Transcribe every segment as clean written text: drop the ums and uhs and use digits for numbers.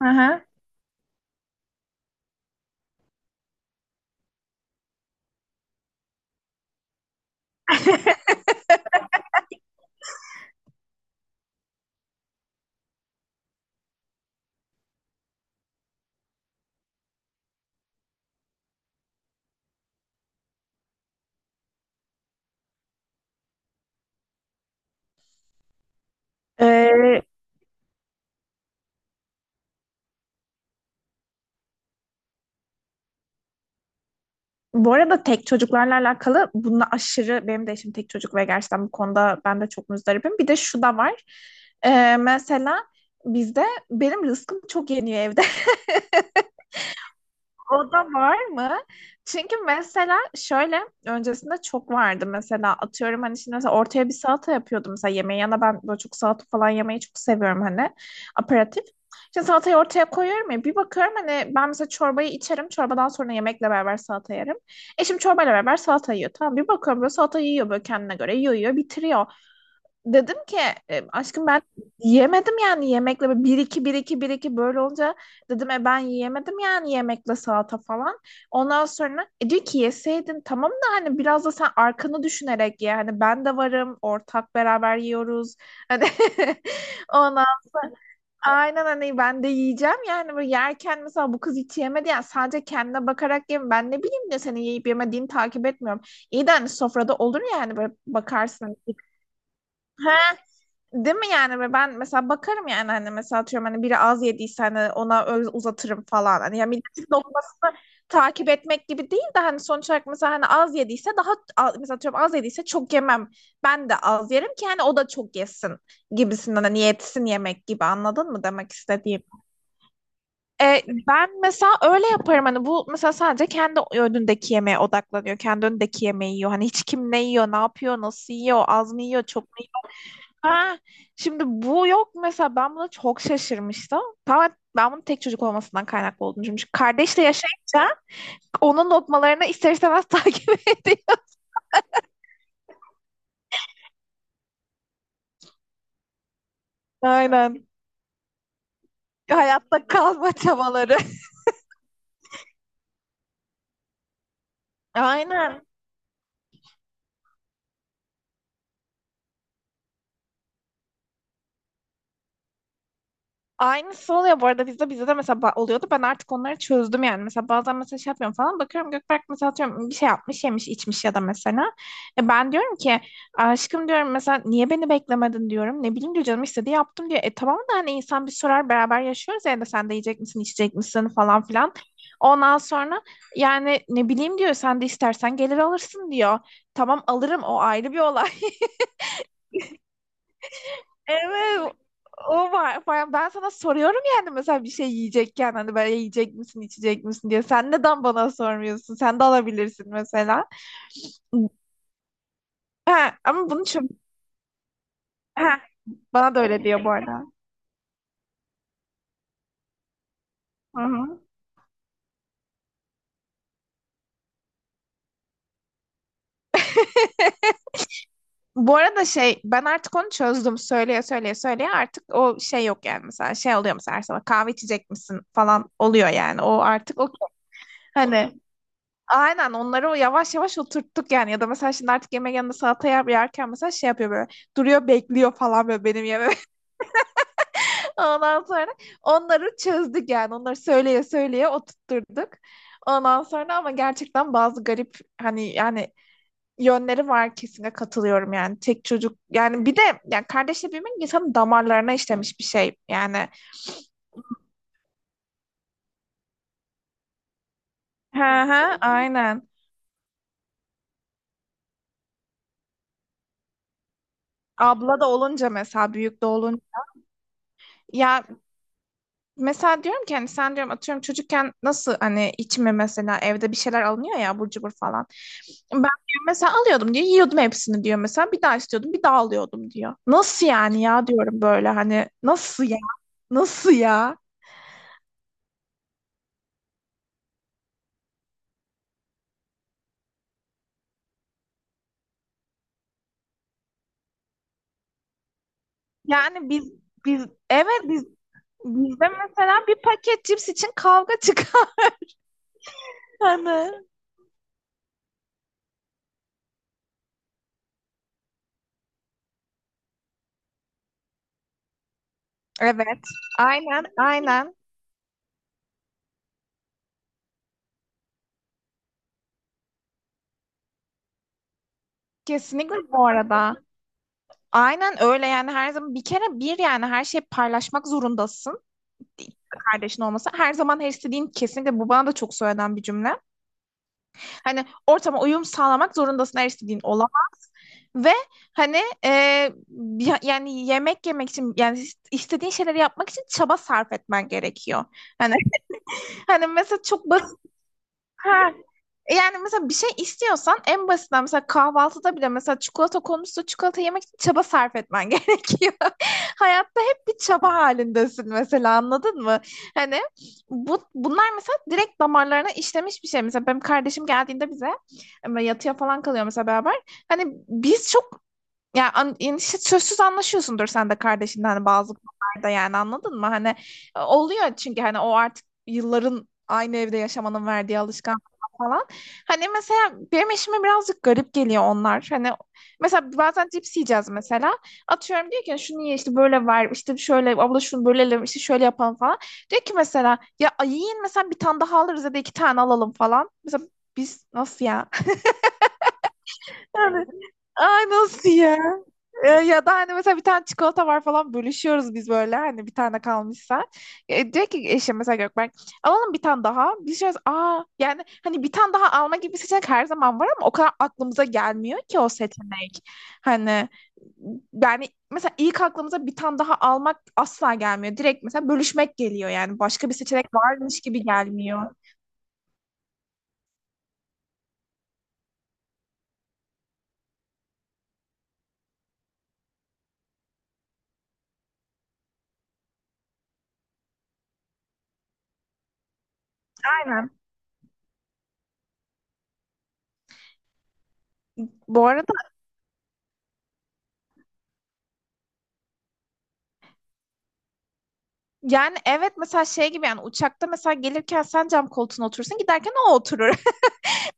Aha. Ee, Bu arada tek çocuklarla alakalı bununla aşırı benim de eşim tek çocuk ve gerçekten bu konuda ben de çok muzdaribim. Bir de şu da var. Mesela bizde benim rızkım çok yeniyor evde. O da var mı? Çünkü mesela şöyle öncesinde çok vardı mesela atıyorum hani şimdi mesela ortaya bir salata yapıyordum mesela yemeğe yana ben böyle çok salata falan yemeyi çok seviyorum hani aperatif. Şimdi salatayı ortaya koyuyorum ya bir bakıyorum hani ben mesela çorbayı içerim çorbadan sonra yemekle beraber salata yerim. Eşim çorbayla beraber salata yiyor tamam bir bakıyorum böyle salata yiyor böyle kendine göre yiyor yiyor bitiriyor. Dedim ki aşkım ben yiyemedim yani yemekle böyle 1 2 1 2 1 2 böyle olunca dedim ben yiyemedim yani yemekle salata falan. Ondan sonra diyor ki yeseydin tamam da hani biraz da sen arkanı düşünerek ye. Hani ben de varım ortak beraber yiyoruz. Hani ondan sonra aynen hani ben de yiyeceğim yani böyle yerken mesela bu kız hiç yemedi yani sadece kendine bakarak yem ben ne bileyim de senin yiyip yemediğini takip etmiyorum. İyi de hani sofrada olur yani böyle bakarsın. Ha. Değil mi yani ve ben mesela bakarım yani hani mesela atıyorum hani biri az yediyse hani ona öyle uzatırım falan. Hani ya milletin lokmasını takip etmek gibi değil de hani sonuç olarak mesela hani az yediyse daha mesela atıyorum az yediyse çok yemem. Ben de az yerim ki hani o da çok yesin gibisinden hani yetsin yemek gibi anladın mı demek istediğim. E, Ben mesela öyle yaparım hani bu mesela sadece kendi önündeki yemeğe odaklanıyor. Kendi önündeki yemeği yiyor. Hani hiç kim ne yiyor, ne yapıyor, nasıl yiyor, az mı yiyor, çok. Ha, şimdi bu yok mesela ben buna çok şaşırmıştım. Tamamen ben bunun tek çocuk olmasından kaynaklı olduğunu düşünmüşüm. Çünkü kardeşle yaşayınca onun lokmalarını ister istemez takip ediyor. Aynen. Hayatta kalma çabaları. Aynen. Aynısı oluyor bu arada bizde de mesela oluyordu. Ben artık onları çözdüm yani. Mesela bazen mesela şey yapıyorum falan bakıyorum Gökberk mesela atıyorum bir şey yapmış yemiş içmiş ya da mesela. E ben diyorum ki aşkım diyorum mesela niye beni beklemedin diyorum. Ne bileyim diyor canım istedi yaptım diyor. E tamam da hani insan bir sorar beraber yaşıyoruz ya da sen de yiyecek misin içecek misin falan filan. Ondan sonra yani ne bileyim diyor sen de istersen gelir alırsın diyor. Tamam alırım o ayrı bir olay. Evet o var. Falan. Ben sana soruyorum yani mesela bir şey yiyecekken hani böyle yiyecek misin içecek misin diye. Sen neden bana sormuyorsun? Sen de alabilirsin mesela. Ha, ama bunu çöz... Ha, bana da öyle diyor bu arada. Hı hı. Bu arada şey ben artık onu çözdüm. Söyleye söyleye artık o şey yok yani mesela şey oluyor mesela her sabah kahve içecek misin falan oluyor yani. O artık hani aynen onları o yavaş yavaş oturttuk yani ya da mesela şimdi artık yemek yanında salata yerken mesela şey yapıyor böyle duruyor bekliyor falan böyle benim yememi. Ondan sonra onları çözdük yani onları söyleye söyleye oturtturduk. Ondan sonra ama gerçekten bazı garip hani yani yönleri var kesinlikle katılıyorum yani tek çocuk yani bir de yani kardeşle büyümek insanın damarlarına işlemiş bir şey yani. Hı hı aynen, abla da olunca mesela büyük de olunca. Ya mesela diyorum ki hani sen diyorum atıyorum çocukken nasıl hani içime mesela evde bir şeyler alınıyor ya abur cubur falan. Ben diyor mesela alıyordum diyor yiyordum hepsini diyor mesela bir daha istiyordum bir daha alıyordum diyor. Nasıl yani ya diyorum böyle hani nasıl ya nasıl ya? Yani biz evet bizde mesela bir paket cips için kavga çıkar. Hani evet aynen kesinlikle bu arada. Aynen öyle yani her zaman bir kere bir yani her şeyi paylaşmak zorundasın. Kardeşin olması her zaman her istediğin kesinlikle bu bana da çok söylenen bir cümle. Hani ortama uyum sağlamak zorundasın her istediğin olamaz. Ve hani e, yani yemek yemek için yani istediğin şeyleri yapmak için çaba sarf etmen gerekiyor. Hani hani mesela çok basit. Ha. Yani mesela bir şey istiyorsan en basitinden mesela kahvaltıda bile mesela çikolata konusunda çikolata yemek için çaba sarf etmen gerekiyor. Hayatta hep bir çaba halindesin mesela anladın mı? Hani bunlar mesela direkt damarlarına işlemiş bir şey. Mesela benim kardeşim geldiğinde bize ama yatıya falan kalıyor mesela beraber. Hani biz çok ya yani işte sözsüz anlaşıyorsundur sen de kardeşinden hani bazı konularda yani anladın mı? Hani oluyor çünkü hani o artık yılların aynı evde yaşamanın verdiği alışkanlık falan. Hani mesela benim eşime birazcık garip geliyor onlar. Hani mesela bazen cips yiyeceğiz mesela. Atıyorum diyor ki şunu ye işte böyle ver işte şöyle abla şunu bölelim işte şöyle yapalım falan. Diyor ki mesela ya yiyin mesela bir tane daha alırız ya da iki tane alalım falan. Mesela biz nasıl ya? Yani, ay nasıl ya? Ya da hani mesela bir tane çikolata var falan bölüşüyoruz biz böyle hani bir tane kalmışsa. Diyor ki eşim mesela Gökberk alalım bir tane daha. Biz diyoruz aa yani hani bir tane daha alma gibi bir seçenek her zaman var ama o kadar aklımıza gelmiyor ki o seçenek. Hani yani mesela ilk aklımıza bir tane daha almak asla gelmiyor. Direkt mesela bölüşmek geliyor yani başka bir seçenek varmış gibi gelmiyor. Aynen. Bu arada yani evet mesela şey gibi yani uçakta mesela gelirken sen cam koltuğuna oturursun giderken o oturur.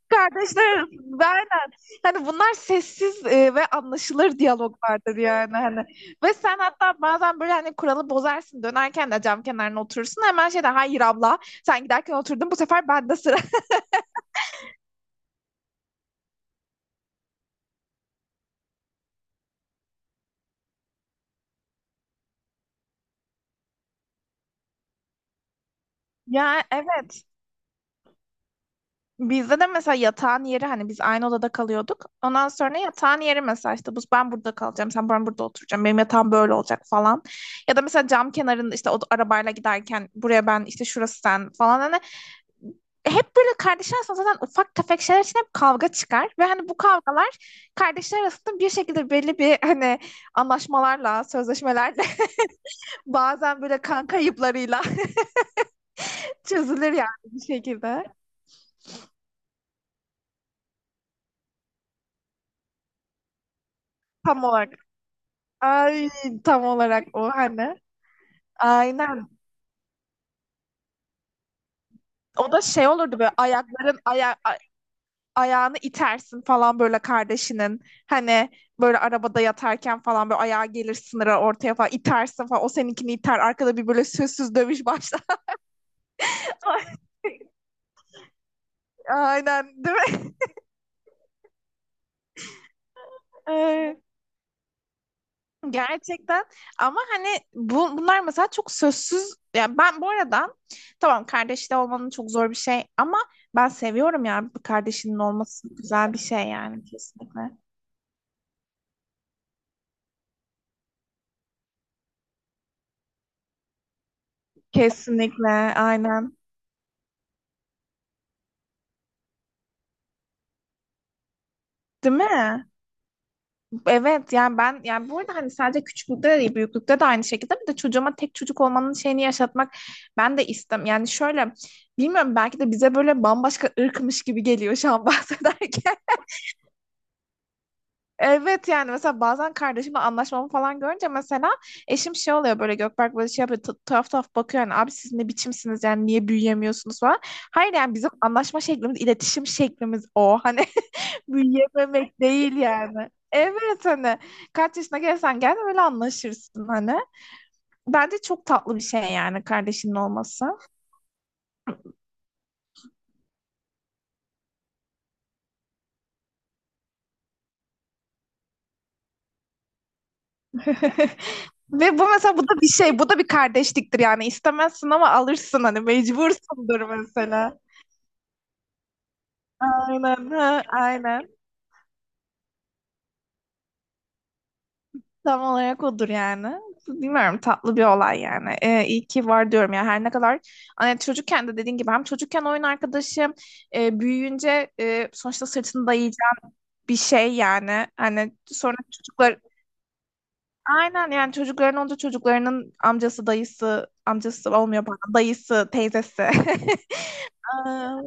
Kardeşler arasında aynen. Hani bunlar sessiz ve anlaşılır diyaloglardır yani hani. Ve sen hatta bazen böyle hani kuralı bozarsın dönerken de cam kenarına oturursun hemen şey de hayır abla sen giderken oturdun bu sefer bende sıra. Ya evet. Bizde de mesela yatağın yeri hani biz aynı odada kalıyorduk. Ondan sonra yatağın yeri mesela işte bu ben burada kalacağım, ben burada oturacağım. Benim yatağım böyle olacak falan. Ya da mesela cam kenarında işte o arabayla giderken buraya ben işte şurası sen falan hani hep böyle kardeşler arasında zaten ufak tefek şeyler için hep kavga çıkar. Ve hani bu kavgalar kardeşler arasında bir şekilde belli bir hani anlaşmalarla, sözleşmelerle bazen böyle kan kayıplarıyla çözülür yani bir şekilde. Tam olarak. Ay tam olarak o hani. Aynen. O da şey olurdu böyle ayakların aya ayağını itersin falan böyle kardeşinin. Hani böyle arabada yatarken falan böyle ayağa gelir sınıra ortaya falan itersin falan. O seninkini iter. Arkada bir böyle sözsüz dövüş başlar. Ay. Aynen değil mi? Ay. Gerçekten ama hani bunlar mesela çok sözsüz yani ben bu arada tamam kardeşli olmanın çok zor bir şey ama ben seviyorum yani bir kardeşinin olması güzel bir şey yani kesinlikle. Kesinlikle aynen değil mi? Evet yani ben yani bu arada hani sadece küçüklükte de değil büyüklükte de aynı şekilde bir de çocuğuma tek çocuk olmanın şeyini yaşatmak ben de istem yani şöyle bilmiyorum belki de bize böyle bambaşka ırkmış gibi geliyor şu an bahsederken. Evet yani mesela bazen kardeşimle anlaşmamı falan görünce mesela eşim şey oluyor böyle Gökberk böyle şey yapıyor tuhaf tuhaf bakıyor yani abi siz ne biçimsiniz yani niye büyüyemiyorsunuz falan. Hayır yani bizim anlaşma şeklimiz iletişim şeklimiz o hani büyüyememek değil yani. Evet hani kaç yaşına gelsen gel öyle anlaşırsın hani. Bence çok tatlı bir şey yani kardeşinin olması. Ve bu mesela bu da bir şey, bu da bir kardeşliktir yani istemezsin ama alırsın hani mecbursundur mesela. Aynen, ha, aynen. Tam olarak odur yani. Bilmiyorum tatlı bir olay yani. İyi ki var diyorum ya her ne kadar hani çocukken de dediğin gibi hem çocukken oyun arkadaşım büyüyünce sonuçta sırtını dayayacak bir şey yani. Hani sonra çocuklar aynen yani çocukların olunca çocuklarının amcası dayısı olmuyor bana dayısı teyzesi. Aa,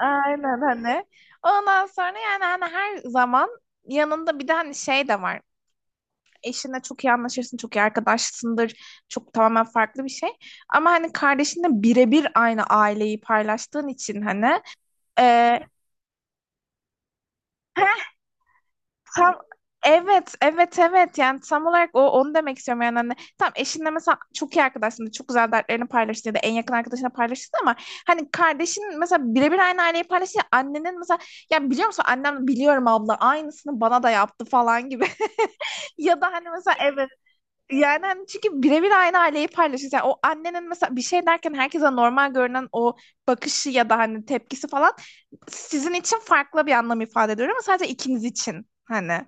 aynen hani. Ondan sonra yani hani her zaman yanında bir de hani şey de var. Eşinle çok iyi anlaşırsın, çok iyi arkadaşsındır. Çok tamamen farklı bir şey. Ama hani kardeşinle birebir aynı aileyi paylaştığın için hani e, heh, tam evet, evet. Yani tam olarak o onu demek istiyorum yani hani tam eşinle mesela çok iyi arkadaşsın, çok güzel dertlerini paylaştın ya da en yakın arkadaşına paylaştın ama hani kardeşin mesela birebir aynı aileyi paylaşınca annenin mesela ya biliyor musun annem biliyorum abla aynısını bana da yaptı falan gibi ya da hani mesela evet. Yani hani çünkü birebir aynı aileyi paylaşıyorsun. Yani o annenin mesela bir şey derken herkese normal görünen o bakışı ya da hani tepkisi falan sizin için farklı bir anlam ifade ediyor ama sadece ikiniz için hani.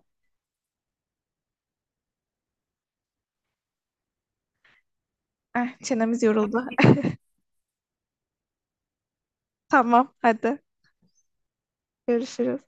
Eh, çenemiz yoruldu. Tamam, hadi. Görüşürüz.